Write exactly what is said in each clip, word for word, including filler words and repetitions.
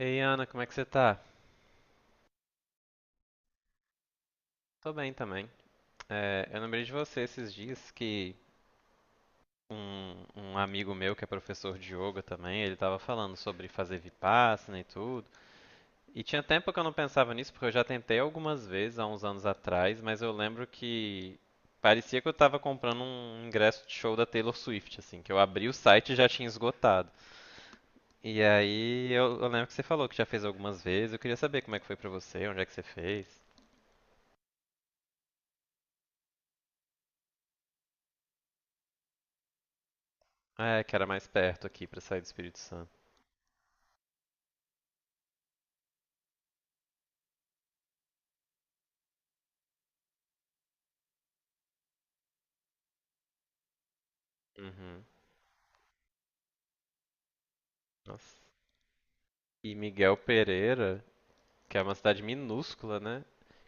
Ei, Ana, como é que você tá? Tô bem também. É, eu lembrei de você esses dias que um, um amigo meu que é professor de yoga também, ele tava falando sobre fazer vipassana e tudo. E tinha tempo que eu não pensava nisso, porque eu já tentei algumas vezes há uns anos atrás, mas eu lembro que parecia que eu tava comprando um ingresso de show da Taylor Swift, assim, que eu abri o site e já tinha esgotado. E aí eu, eu lembro que você falou que já fez algumas vezes. Eu queria saber como é que foi pra você, onde é que você fez. É, que era mais perto aqui pra sair do Espírito Santo. Uhum. Nossa. E Miguel Pereira, que é uma cidade minúscula, né?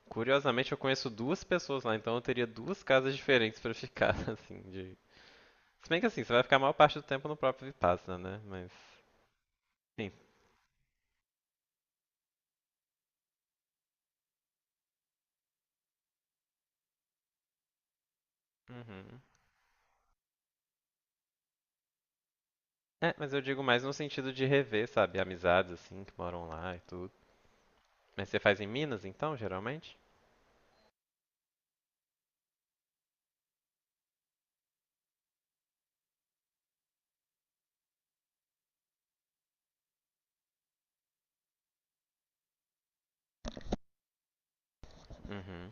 Curiosamente, eu conheço duas pessoas lá, então eu teria duas casas diferentes pra ficar, assim, de... Se bem que assim, você vai ficar a maior parte do tempo no próprio Vipassana, né? Mas, sim. Uhum. É, mas eu digo mais no sentido de rever, sabe? Amizades, assim, que moram lá e tudo. Mas você faz em Minas, então, geralmente? Uhum.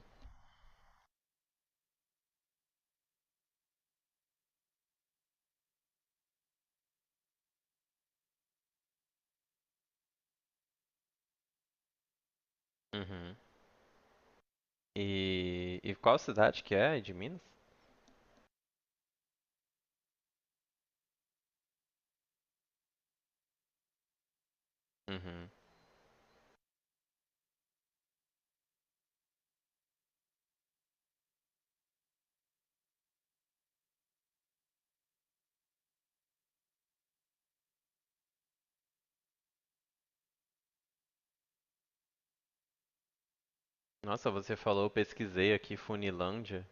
Uhum. E, e qual cidade que é de Minas? Uhum. Nossa, você falou, eu pesquisei aqui Funilândia.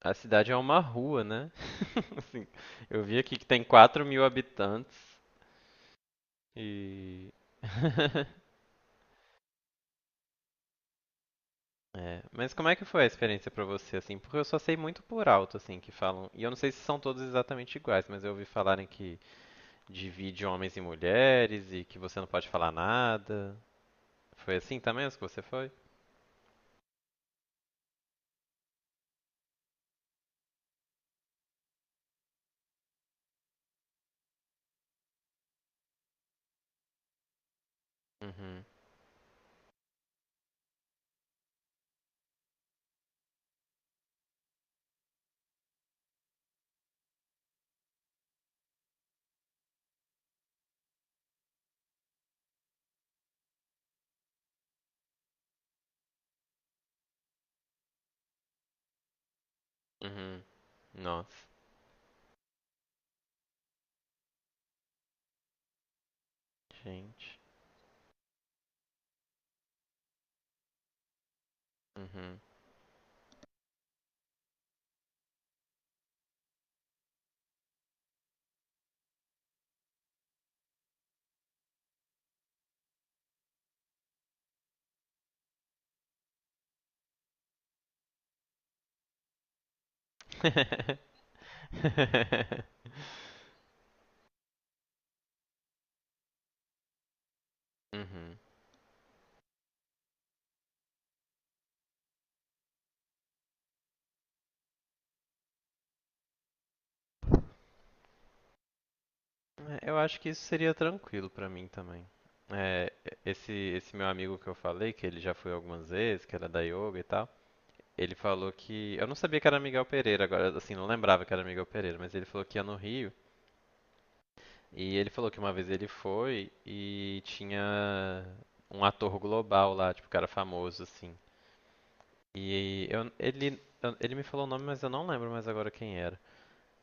A cidade é uma rua, né? Assim, eu vi aqui que tem quatro mil habitantes e. É, mas como é que foi a experiência pra você, assim? Porque eu só sei muito por alto, assim, que falam. E eu não sei se são todos exatamente iguais, mas eu ouvi falarem que divide homens e mulheres e que você não pode falar nada. Foi assim também as que você foi? Uhum, uhum. Nossa, gente. Uhum. Uhum. É, eu acho que isso seria tranquilo pra mim também. É, esse, esse meu amigo que eu falei, que ele já foi algumas vezes, que era da yoga e tal, ele falou que. Eu não sabia que era Miguel Pereira, agora, assim, não lembrava que era Miguel Pereira, mas ele falou que ia no Rio. E ele falou que uma vez ele foi e tinha um ator global lá, tipo, cara famoso, assim. E eu, ele, eu- ele me falou o nome, mas eu não lembro mais agora quem era.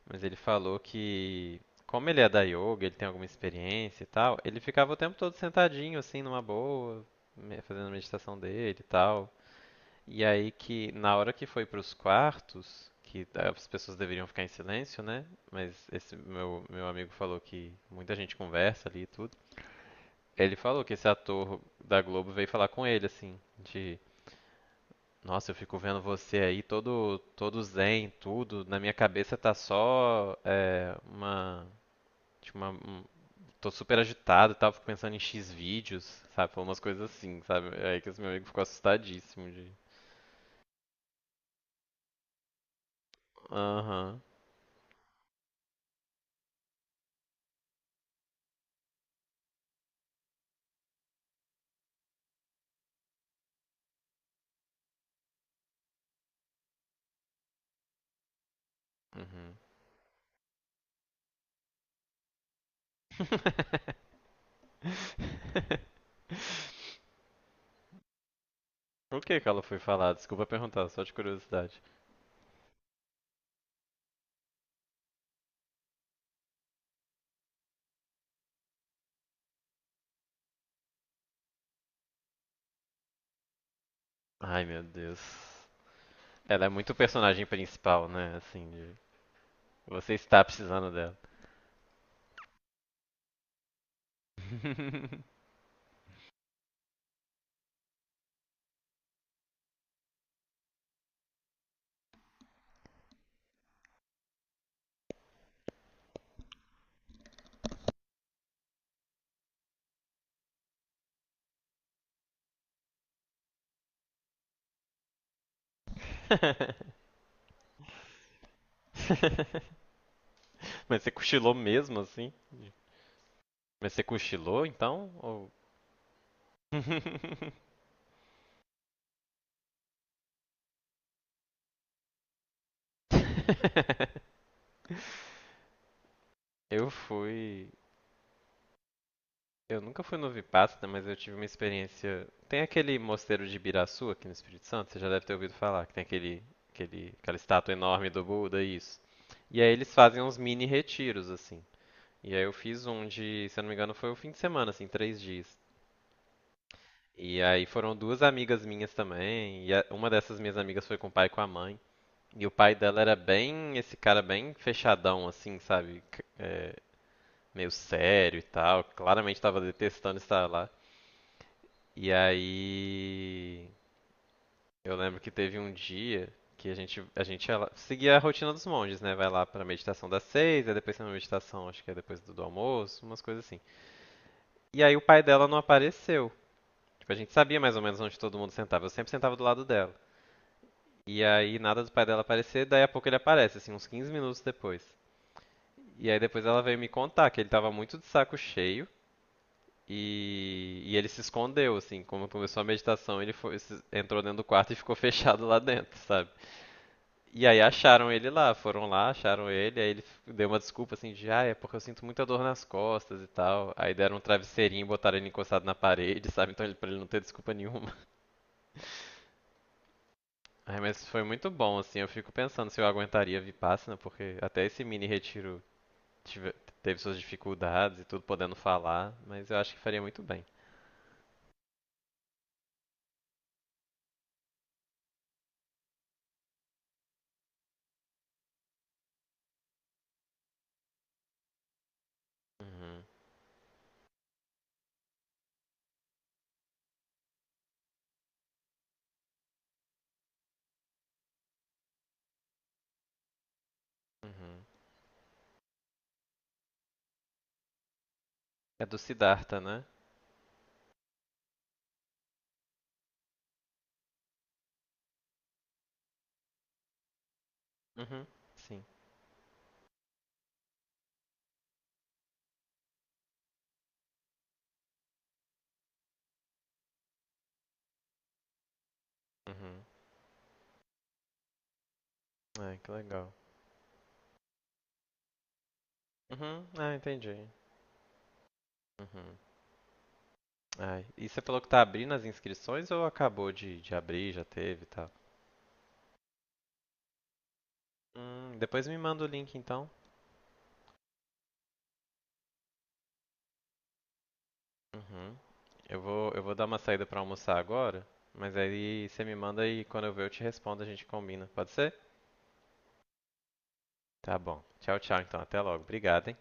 Mas ele falou que, como ele é da yoga, ele tem alguma experiência e tal, ele ficava o tempo todo sentadinho, assim, numa boa, me- fazendo a meditação dele e tal. E aí que, na hora que foi pros quartos, que as pessoas deveriam ficar em silêncio, né? Mas esse meu, meu amigo falou que muita gente conversa ali e tudo. Ele falou que esse ator da Globo veio falar com ele, assim, de... Nossa, eu fico vendo você aí todo todo zen, tudo. Na minha cabeça tá só é, uma Tipo, uma, um- tô super agitado e tal, fico pensando em X vídeos, sabe? Falou umas coisas assim, sabe? É aí que esse meu amigo ficou assustadíssimo de. Aham. Uhum. Por que que ela foi falar? Desculpa perguntar, só de curiosidade. Ai, meu Deus. Ela é muito personagem principal, né? Assim, de... você está precisando dela. Você cochilou mesmo, assim? Mas você cochilou, então? Ou... Eu fui. Eu nunca fui no Vipassana, mas eu tive uma experiência. Tem aquele mosteiro de Ibiraçu aqui no Espírito Santo, você já deve ter ouvido falar, que tem aquele, aquele, aquela estátua enorme do Buda, isso. E aí eles fazem uns mini retiros, assim. E aí eu fiz um de, se eu não me engano, foi o fim de semana, assim, três dias. E aí foram duas amigas minhas também, e a- uma dessas minhas amigas foi com o pai e com a mãe. E o pai dela era bem, esse cara bem fechadão, assim, sabe? C- é, meio sério e tal. Claramente tava detestando estar lá. E aí. Eu lembro que teve um dia que a gente, a gente ia lá- seguia a rotina dos monges, né? Vai lá pra meditação das seis, aí depois tem uma meditação, acho que é depois do, do almoço, umas coisas assim. E aí o pai dela não apareceu. Tipo, a gente sabia mais ou menos onde todo mundo sentava. Eu sempre sentava do lado dela. E aí nada do pai dela aparecer, daí a pouco ele aparece, assim, uns quinze minutos depois. E aí depois ela veio me contar que ele tava muito de saco cheio E, e ele se escondeu, assim, como começou a meditação, ele foi, se- entrou dentro do quarto e ficou fechado lá dentro, sabe? E aí acharam ele lá, foram lá, acharam ele, aí ele f- deu uma desculpa assim de, ah, é porque eu sinto muita dor nas costas e tal. Aí deram um travesseirinho e botaram ele encostado na parede, sabe? Então ele, pra ele não ter desculpa nenhuma. Ai, mas foi muito bom, assim, eu fico pensando se eu aguentaria Vipassana, porque até esse mini retiro tive- teve suas dificuldades e tudo, podendo falar, mas eu acho que faria muito bem. Uhum, uhum. É do Siddhartha, né? Uhum, sim. Uhum. Ai, que legal. Uhum. Ah, entendi. Uhum. Ai, e você falou que tá abrindo as inscrições ou acabou de, de abrir, já teve e tal? Hum, depois me manda o link então. Uhum. Eu vou, eu vou dar uma saída pra almoçar agora, mas aí você me manda e quando eu ver eu te respondo, a gente combina, pode ser? Tá bom. Tchau, tchau, então até logo. Obrigado, hein?